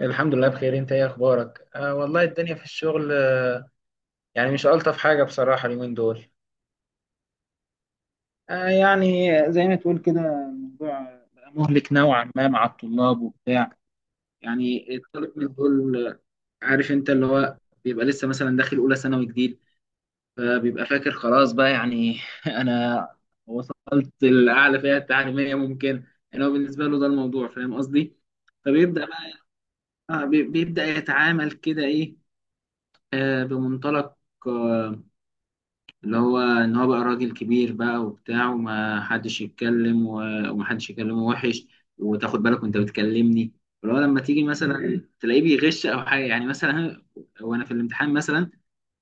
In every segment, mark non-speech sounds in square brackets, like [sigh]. الحمد لله، بخير. انت ايه اخبارك؟ والله الدنيا في الشغل. يعني مش الطف حاجه بصراحه اليومين دول. يعني زي ما تقول كده. الموضوع بقى مهلك نوعا ما مع الطلاب وبتاع. يعني الطالب من دول، عارف انت اللي هو بيبقى لسه مثلا داخل اولى ثانوي جديد، فبيبقى فاكر خلاص بقى يعني [laughs] انا وصلت الاعلى فئه التعليميه ممكن. يعني هو بالنسبه له ده الموضوع، فاهم قصدي. فبيبدا بقى بيبدا يتعامل كده ايه، بمنطلق آه، اللي هو ان هو بقى راجل كبير بقى وبتاع، وما حدش يتكلم وما حدش يكلمه وحش. وتاخد بالك وانت بتكلمني، اللي هو لما تيجي مثلا تلاقيه بيغش او حاجه يعني، مثلا وانا في الامتحان مثلا،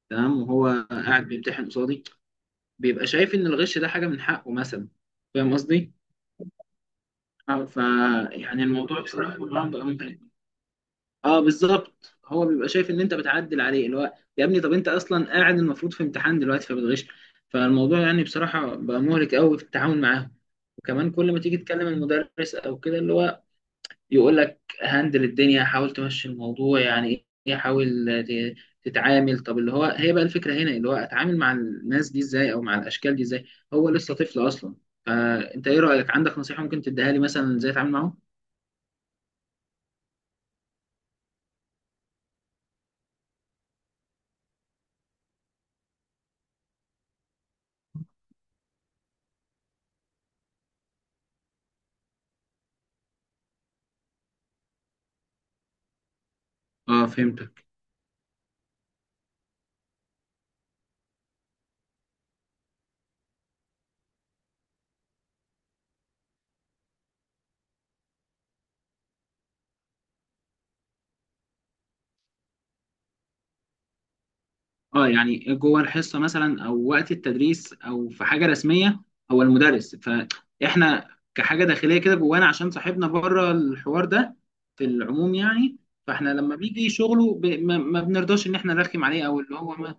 تمام، وهو قاعد بيمتحن قصادي، بيبقى شايف ان الغش ده حاجه من حقه مثلا. فاهم قصدي؟ اه، ف يعني الموضوع بصراحه بقى ممتع. اه بالظبط، هو بيبقى شايف ان انت بتعدل عليه، اللي هو يا ابني طب انت اصلا قاعد المفروض في امتحان دلوقتي فبتغش. فالموضوع يعني بصراحه بقى مهلك قوي في التعامل معاهم. وكمان كل ما تيجي تكلم المدرس او كده، اللي هو يقول لك هندل الدنيا، حاول تمشي الموضوع يعني، ايه، حاول ت- تتعامل. طب اللي هو هي بقى الفكره هنا، اللي هو اتعامل مع الناس دي ازاي، او مع الاشكال دي ازاي، هو لسه طفل اصلا. فانت ايه رايك؟ عندك نصيحه ممكن تديها لي مثلا ازاي اتعامل معاهم؟ اه فهمت. اه، يعني جوه الحصه مثلا، او وقت التدريس، او في حاجه رسميه، هو المدرس. فاحنا كحاجه داخليه كده جوانا، عشان صاحبنا بره الحوار ده، في العموم يعني. فاحنا لما بيجي شغله ب... ما... ما بنرضاش ان احنا نرخم عليه، او اللي هو ما.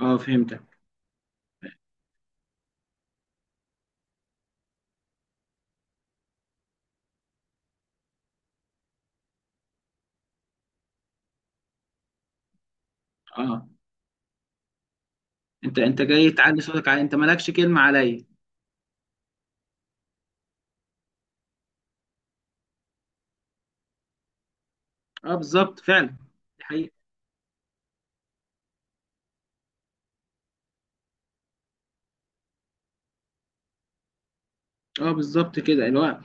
اه فهمتك. اه. انت جاي تعلي صوتك علي، انت مالكش كلمه عليا. اه بالظبط فعلا. دي حقيقة. اه بالظبط كده، اللي هو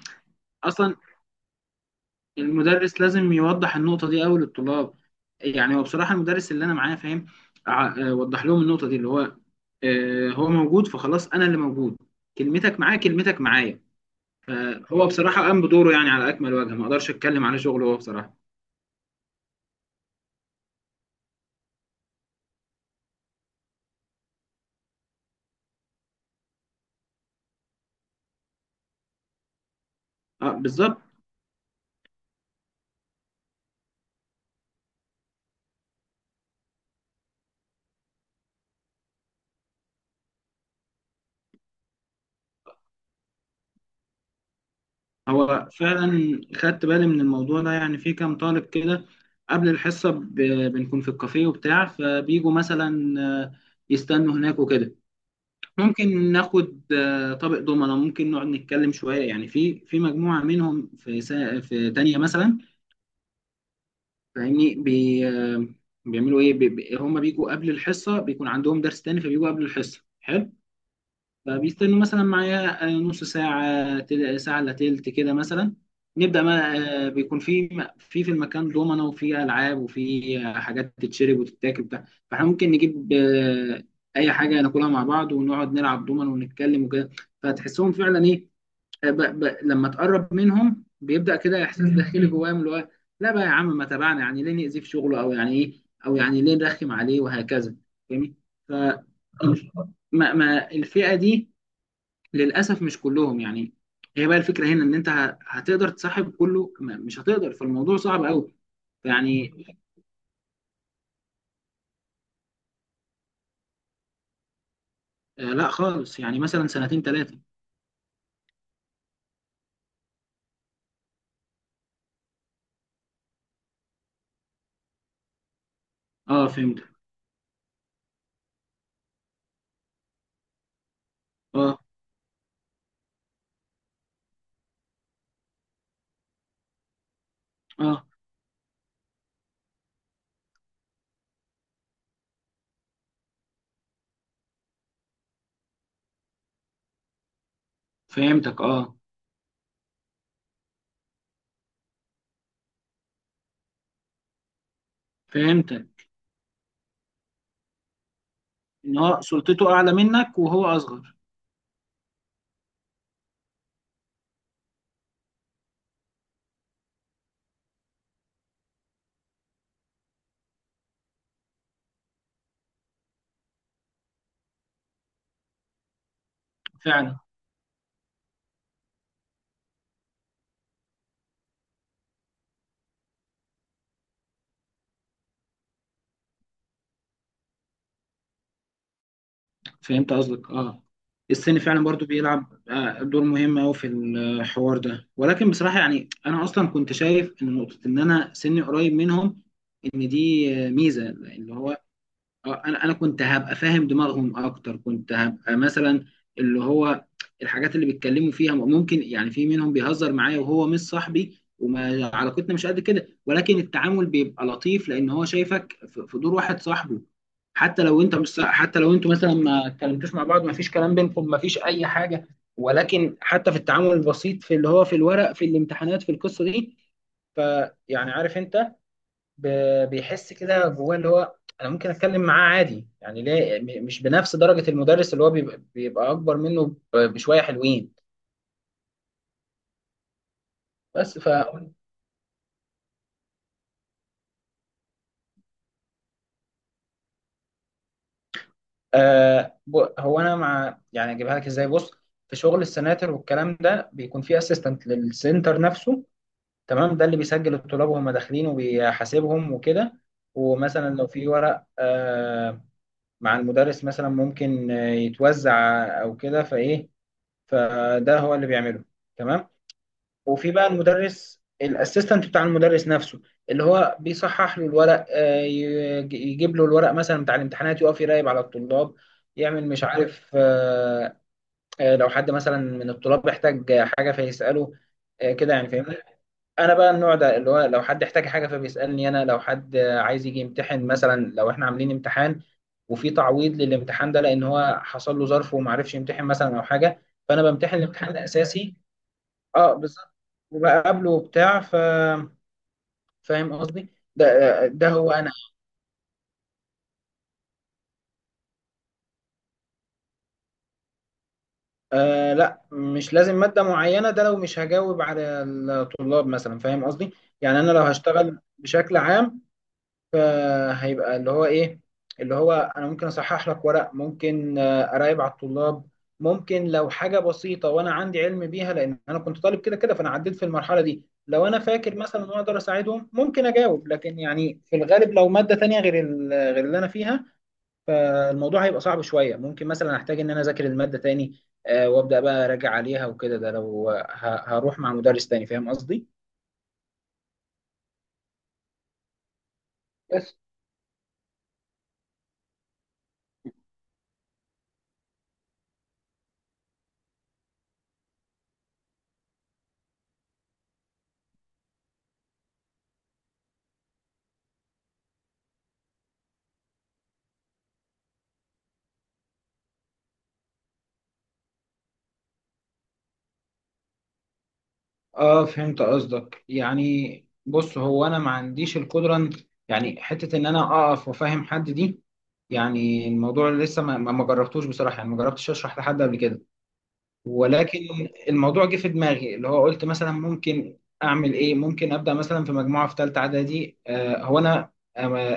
اصلا المدرس لازم يوضح النقطة دي أوي للطلاب. يعني هو بصراحة المدرس اللي أنا معاه فاهم. وضح لهم النقطة دي، اللي هو هو موجود فخلاص أنا اللي موجود. كلمتك معاه كلمتك معايا. فهو بصراحة قام بدوره يعني على أكمل وجه، ما أقدرش أتكلم على شغله هو بصراحة. أه بالظبط. هو فعلا خدت بالي من الموضوع ده، يعني في كام طالب كده قبل الحصة بنكون في الكافيه وبتاع، فبيجوا مثلا يستنوا هناك وكده. ممكن ناخد طبق دومنا، ممكن نقعد نتكلم شوية يعني، في مجموعة منهم، في دانيا مثلا، فاهمني. بي آه، بيعملوا ايه؟ هم بيجوا قبل الحصة، بيكون عندهم درس تاني فبيجوا قبل الحصة، حلو. فبيستنوا مثلا معايا نص ساعة، ساعة إلا تلت كده مثلا، نبدأ ما آه، بيكون في المكان دومنا، وفي ألعاب، وفي حاجات تتشرب وتتاكل بتاع. فاحنا ممكن نجيب أي حاجة ناكلها مع بعض، ونقعد نلعب دومنا ونتكلم وكده. فتحسهم فعلا إيه، لما تقرب منهم بيبدأ كده إحساس داخلي جواهم، اللي هو لا بقى يا عم ما تابعنا يعني، ليه نأذيه في شغله، أو يعني إيه، أو يعني ليه نرخم عليه، وهكذا. فاهمني؟ ف ما الفئة دي، للاسف مش كلهم يعني. هي بقى الفكره هنا، ان انت هتقدر تصاحب كله، مش هتقدر، فالموضوع صعب قوي. يعني لا خالص، يعني مثلا سنتين ثلاثه. اه فهمتك. اه. اه فهمتك. اه فهمتك، ان هو سلطته اعلى منك وهو اصغر. فعلا. فهمت قصدك اه. السن فعلا برضو بيلعب دور مهم قوي في الحوار ده، ولكن بصراحه يعني انا اصلا كنت شايف ان نقطه ان انا سني قريب منهم، ان دي ميزه اللي هو اه انا كنت هبقى فاهم دماغهم اكتر، كنت هبقى مثلا اللي هو، الحاجات اللي بيتكلموا فيها، ممكن يعني في منهم بيهزر معايا وهو مش صاحبي، وما علاقتنا مش قد كده، ولكن التعامل بيبقى لطيف لان هو شايفك في دور واحد صاحبه. حتى لو انت مش صاح- حتى لو انتوا مثلا ما اتكلمتوش مع بعض، ما فيش كلام بينكم، ما فيش اي حاجه، ولكن حتى في التعامل البسيط في اللي هو في الورق، في الامتحانات، في القصه دي. فيعني عارف انت، بيحس كده جواه اللي هو انا ممكن اتكلم معاه عادي يعني، ليه مش بنفس درجة المدرس، اللي هو بيبقى اكبر منه بشوية حلوين. بس هو انا مع، يعني اجيبها لك ازاي، بص. في شغل السناتر والكلام ده بيكون في اسيستنت للسنتر نفسه، تمام، ده اللي بيسجل الطلاب وهم داخلين وبيحاسبهم وكده. ومثلا لو في ورق مع المدرس، مثلا ممكن يتوزع او كده فايه، فده هو اللي بيعمله، تمام. وفي بقى المدرس الاسيستنت بتاع المدرس نفسه، اللي هو بيصحح له الورق، يجيب له الورق مثلا بتاع الامتحانات، يقف يراقب على الطلاب، يعمل مش عارف لو حد مثلا من الطلاب احتاج حاجة فيسأله كده يعني، فاهمني. انا بقى النوع ده، اللي هو لو حد احتاج حاجة فبيسألني انا، لو حد عايز يجي يمتحن مثلا، لو احنا عاملين امتحان وفي تعويض للامتحان ده لان هو حصل له ظرف وما عرفش يمتحن مثلا او حاجة، فانا بمتحن الامتحان الاساسي. اه بالظبط. وبقابله وبتاع فاهم قصدي، ده هو انا. لا مش لازم مادة معينة، ده لو مش هجاوب على الطلاب مثلا، فاهم قصدي. يعني انا لو هشتغل بشكل عام، فهيبقى اللي هو ايه، اللي هو انا ممكن اصحح لك ورق، ممكن اراقب على الطلاب، ممكن لو حاجه بسيطه وانا عندي علم بيها لان انا كنت طالب كده كده فانا عديت في المرحله دي، لو انا فاكر مثلا ان أنا اقدر اساعدهم ممكن اجاوب، لكن يعني في الغالب لو ماده تانية غير غير اللي انا فيها، فالموضوع هيبقى صعب شويه، ممكن مثلا احتاج ان انا اذاكر الماده تاني وابدا بقى اراجع عليها وكده، ده لو هروح مع مدرس تاني، فاهم قصدي. بس. اه فهمت قصدك، يعني بص هو انا ما عنديش القدره يعني حته ان انا اقف وافهم حد دي، يعني الموضوع لسه ما جربتوش بصراحه يعني، ما جربتش اشرح لحد قبل كده. ولكن الموضوع جه في دماغي، اللي هو قلت مثلا ممكن اعمل ايه، ممكن ابدا مثلا في مجموعه في ثالثه اعدادي. هو انا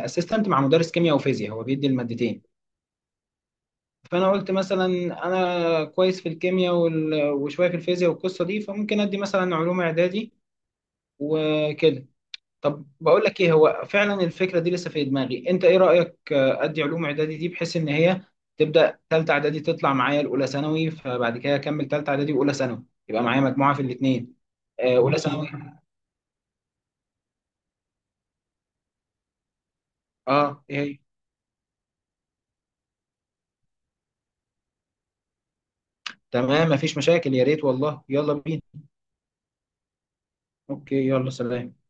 اسيستنت مع مدرس كيمياء وفيزياء، هو بيدي المادتين. فانا قلت مثلا انا كويس في الكيمياء وشويه في الفيزياء والقصه دي، فممكن ادي مثلا علوم اعدادي وكده. طب بقول لك ايه، هو فعلا الفكره دي لسه في دماغي، انت ايه رايك؟ ادي علوم اعدادي دي بحيث ان هي تبدا ثالثه اعدادي، تطلع معايا الاولى ثانوي، فبعد كده اكمل ثالثه اعدادي واولى ثانوي، يبقى معايا مجموعه في الاثنين. اولى ماشي ثانوي. اه ايه هي؟ تمام مفيش مشاكل، يا ريت والله، يلا بينا. اوكي، يلا سلام.